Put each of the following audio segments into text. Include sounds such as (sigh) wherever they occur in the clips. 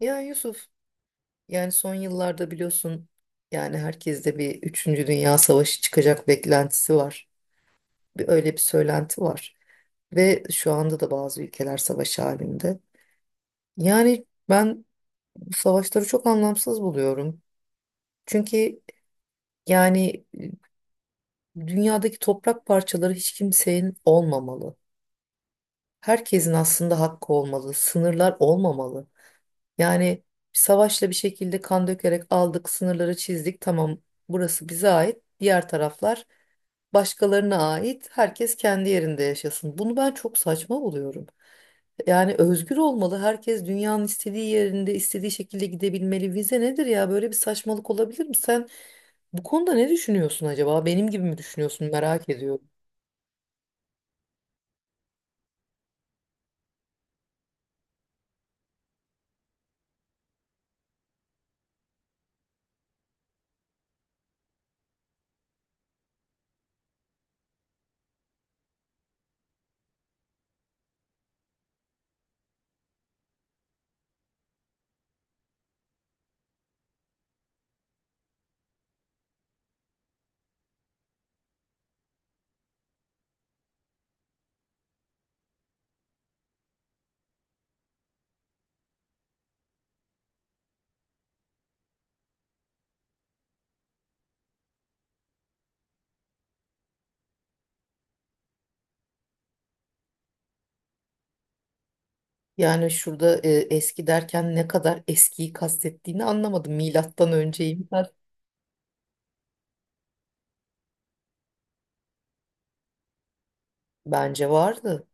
Ya Yusuf, yani son yıllarda biliyorsun yani herkeste bir üçüncü Dünya Savaşı çıkacak beklentisi var. Öyle bir söylenti var. Ve şu anda da bazı ülkeler savaş halinde. Yani ben bu savaşları çok anlamsız buluyorum. Çünkü yani dünyadaki toprak parçaları hiç kimsenin olmamalı. Herkesin aslında hakkı olmalı, sınırlar olmamalı. Yani savaşla bir şekilde kan dökerek aldık, sınırları çizdik. Tamam, burası bize ait. Diğer taraflar başkalarına ait. Herkes kendi yerinde yaşasın. Bunu ben çok saçma buluyorum. Yani özgür olmalı. Herkes dünyanın istediği yerinde, istediği şekilde gidebilmeli. Vize nedir ya? Böyle bir saçmalık olabilir mi? Sen bu konuda ne düşünüyorsun acaba? Benim gibi mi düşünüyorsun? Merak ediyorum. Yani şurada eski derken ne kadar eskiyi kastettiğini anlamadım. Milattan önceyim. Bence vardı.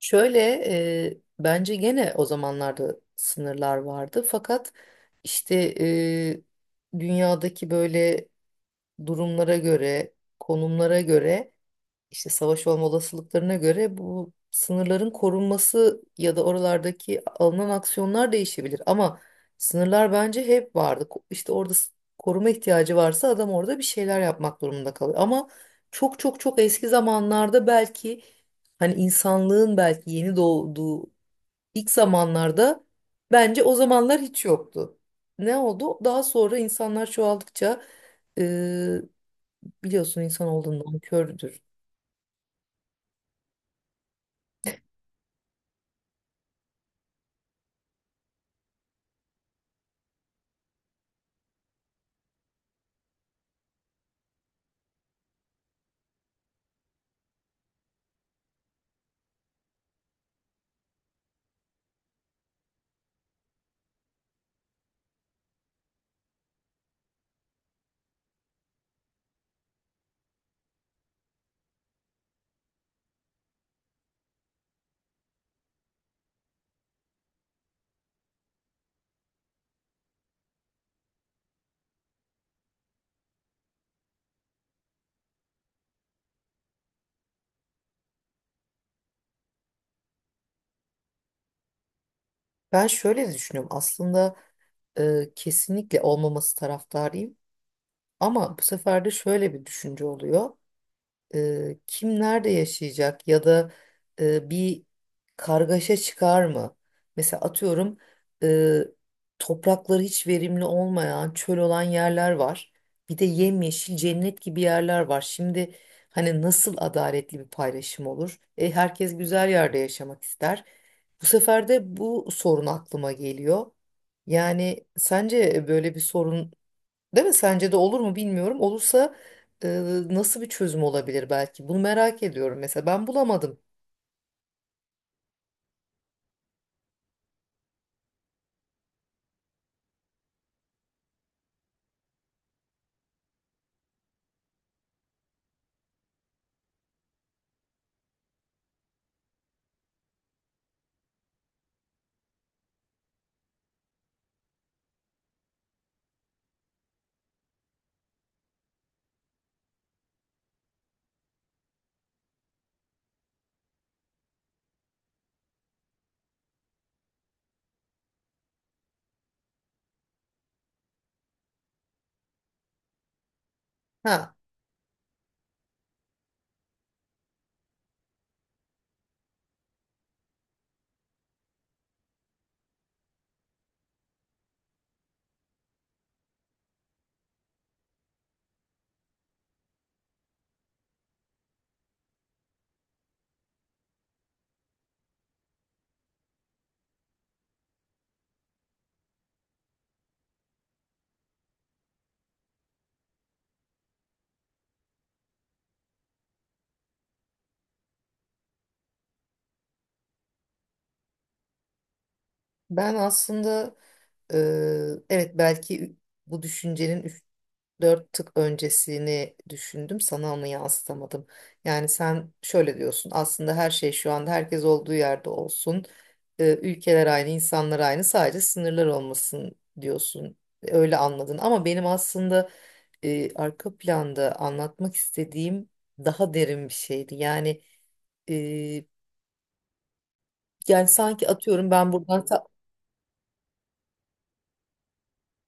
Şöyle bence gene o zamanlarda sınırlar vardı fakat işte dünyadaki böyle durumlara göre, konumlara göre, işte savaş olma olasılıklarına göre bu sınırların korunması ya da oralardaki alınan aksiyonlar değişebilir. Ama sınırlar bence hep vardı. İşte orada koruma ihtiyacı varsa adam orada bir şeyler yapmak durumunda kalıyor. Ama çok çok çok eski zamanlarda belki hani insanlığın belki yeni doğduğu ilk zamanlarda bence o zamanlar hiç yoktu. Ne oldu? Daha sonra insanlar çoğaldıkça e, biliyorsun insan olduğundan kördür. Ben şöyle de düşünüyorum aslında kesinlikle olmaması taraftarıyım. Ama bu sefer de şöyle bir düşünce oluyor. Kim nerede yaşayacak ya da bir kargaşa çıkar mı? Mesela atıyorum e, toprakları hiç verimli olmayan, çöl olan yerler var. Bir de yemyeşil cennet gibi yerler var. Şimdi hani nasıl adaletli bir paylaşım olur? E, herkes güzel yerde yaşamak ister. Bu sefer de bu sorun aklıma geliyor. Yani sence böyle bir sorun, değil mi? Sence de olur mu bilmiyorum. Olursa e, nasıl bir çözüm olabilir belki? Bunu merak ediyorum mesela. Ben bulamadım. Ha, ben aslında e, evet belki bu düşüncenin dört tık öncesini düşündüm, sana onu yansıtamadım. Yani sen şöyle diyorsun aslında her şey şu anda, herkes olduğu yerde olsun. Ülkeler aynı, insanlar aynı, sadece sınırlar olmasın diyorsun. Öyle anladın ama benim aslında arka planda anlatmak istediğim daha derin bir şeydi. Yani e, yani sanki atıyorum ben buradan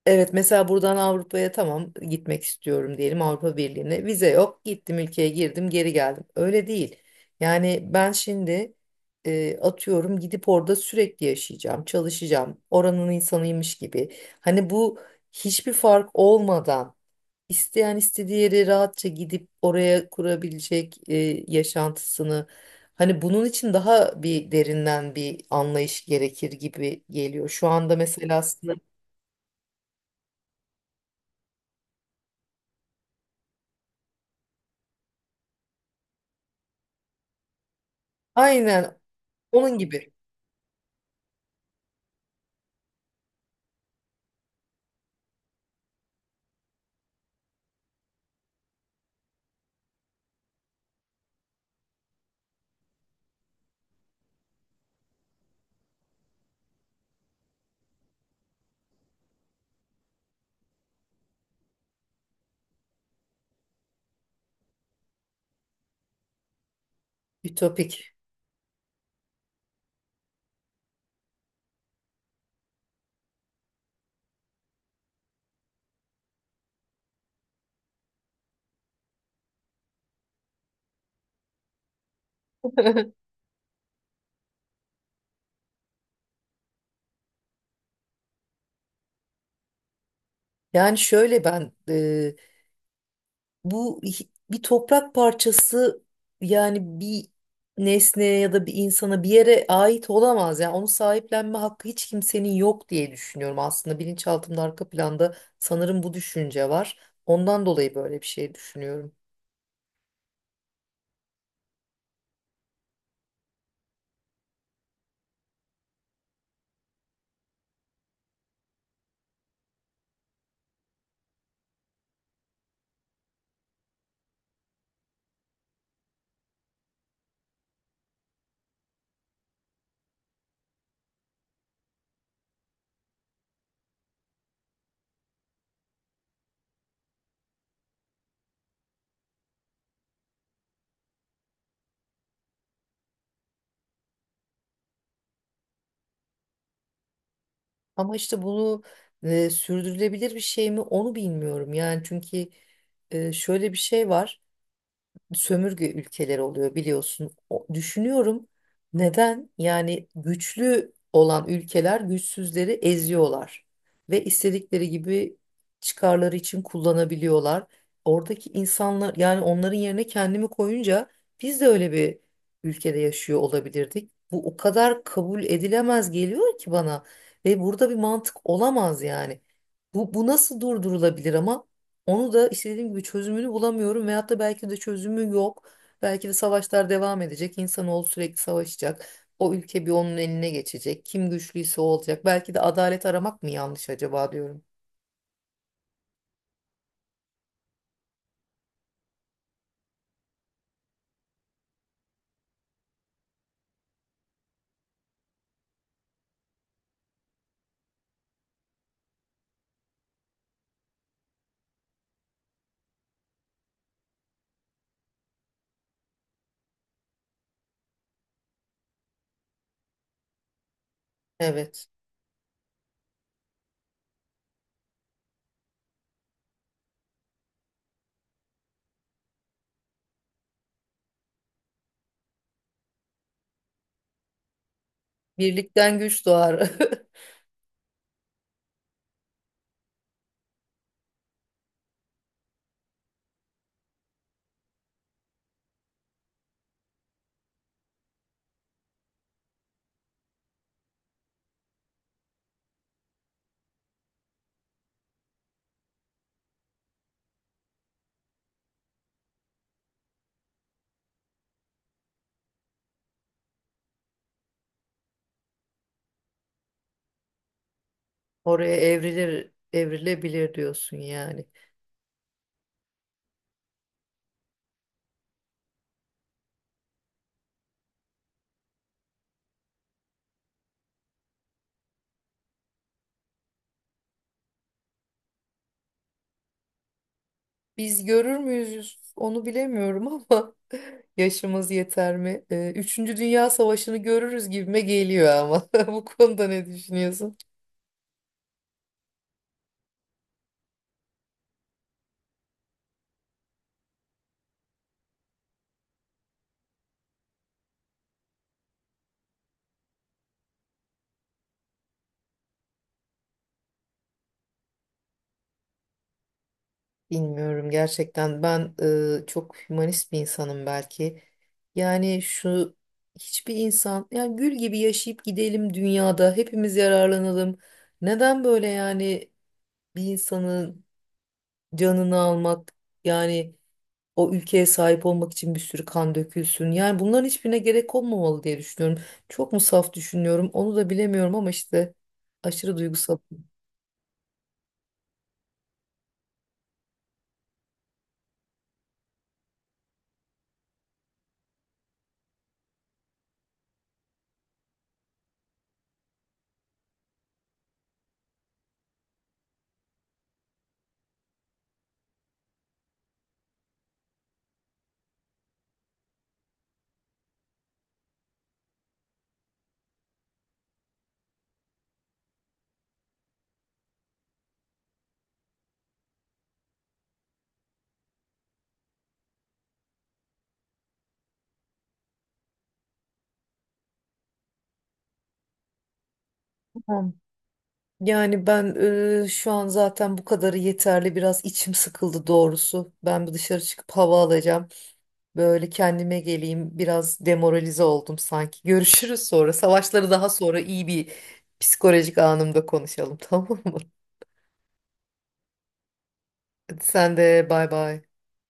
evet, mesela buradan Avrupa'ya tamam gitmek istiyorum diyelim, Avrupa Birliği'ne. Vize yok. Gittim, ülkeye girdim, geri geldim. Öyle değil. Yani ben şimdi atıyorum gidip orada sürekli yaşayacağım, çalışacağım. Oranın insanıymış gibi. Hani bu hiçbir fark olmadan isteyen istediği yere rahatça gidip oraya kurabilecek yaşantısını. Hani bunun için daha bir derinden bir anlayış gerekir gibi geliyor. Şu anda mesela aslında aynen, onun gibi. Ütopik. Yani şöyle ben bu bir toprak parçası yani bir nesneye ya da bir insana bir yere ait olamaz. Yani onu sahiplenme hakkı hiç kimsenin yok diye düşünüyorum aslında. Bilinçaltımda arka planda sanırım bu düşünce var. Ondan dolayı böyle bir şey düşünüyorum. Ama işte bunu sürdürülebilir bir şey mi onu bilmiyorum. Yani çünkü şöyle bir şey var. Sömürge ülkeleri oluyor biliyorsun. Düşünüyorum neden? Yani güçlü olan ülkeler güçsüzleri eziyorlar ve istedikleri gibi çıkarları için kullanabiliyorlar. Oradaki insanlar yani onların yerine kendimi koyunca biz de öyle bir ülkede yaşıyor olabilirdik. Bu o kadar kabul edilemez geliyor ki bana ve burada bir mantık olamaz yani. Bu nasıl durdurulabilir ama? Onu da işte dediğim gibi çözümünü bulamıyorum veyahut da belki de çözümü yok. Belki de savaşlar devam edecek. İnsanoğlu sürekli savaşacak. O ülke bir onun eline geçecek. Kim güçlüyse o olacak. Belki de adalet aramak mı yanlış acaba diyorum. Evet. Birlikten güç doğar. (laughs) Oraya evrilir, evrilebilir diyorsun yani. Biz görür müyüz onu bilemiyorum ama (laughs) yaşımız yeter mi? Üçüncü Dünya Savaşı'nı görürüz gibime geliyor ama. (laughs) Bu konuda ne düşünüyorsun? Bilmiyorum gerçekten ben çok hümanist bir insanım belki. Yani şu hiçbir insan yani gül gibi yaşayıp gidelim dünyada hepimiz yararlanalım. Neden böyle yani bir insanın canını almak yani o ülkeye sahip olmak için bir sürü kan dökülsün. Yani bunların hiçbirine gerek olmamalı diye düşünüyorum. Çok mu saf düşünüyorum onu da bilemiyorum ama işte aşırı duygusal. Yani ben şu an zaten bu kadarı yeterli. Biraz içim sıkıldı doğrusu. Ben bir dışarı çıkıp hava alacağım. Böyle kendime geleyim. Biraz demoralize oldum sanki. Görüşürüz sonra. Savaşları daha sonra iyi bir psikolojik anımda konuşalım (laughs) tamam mı? Hadi sen de bay bay.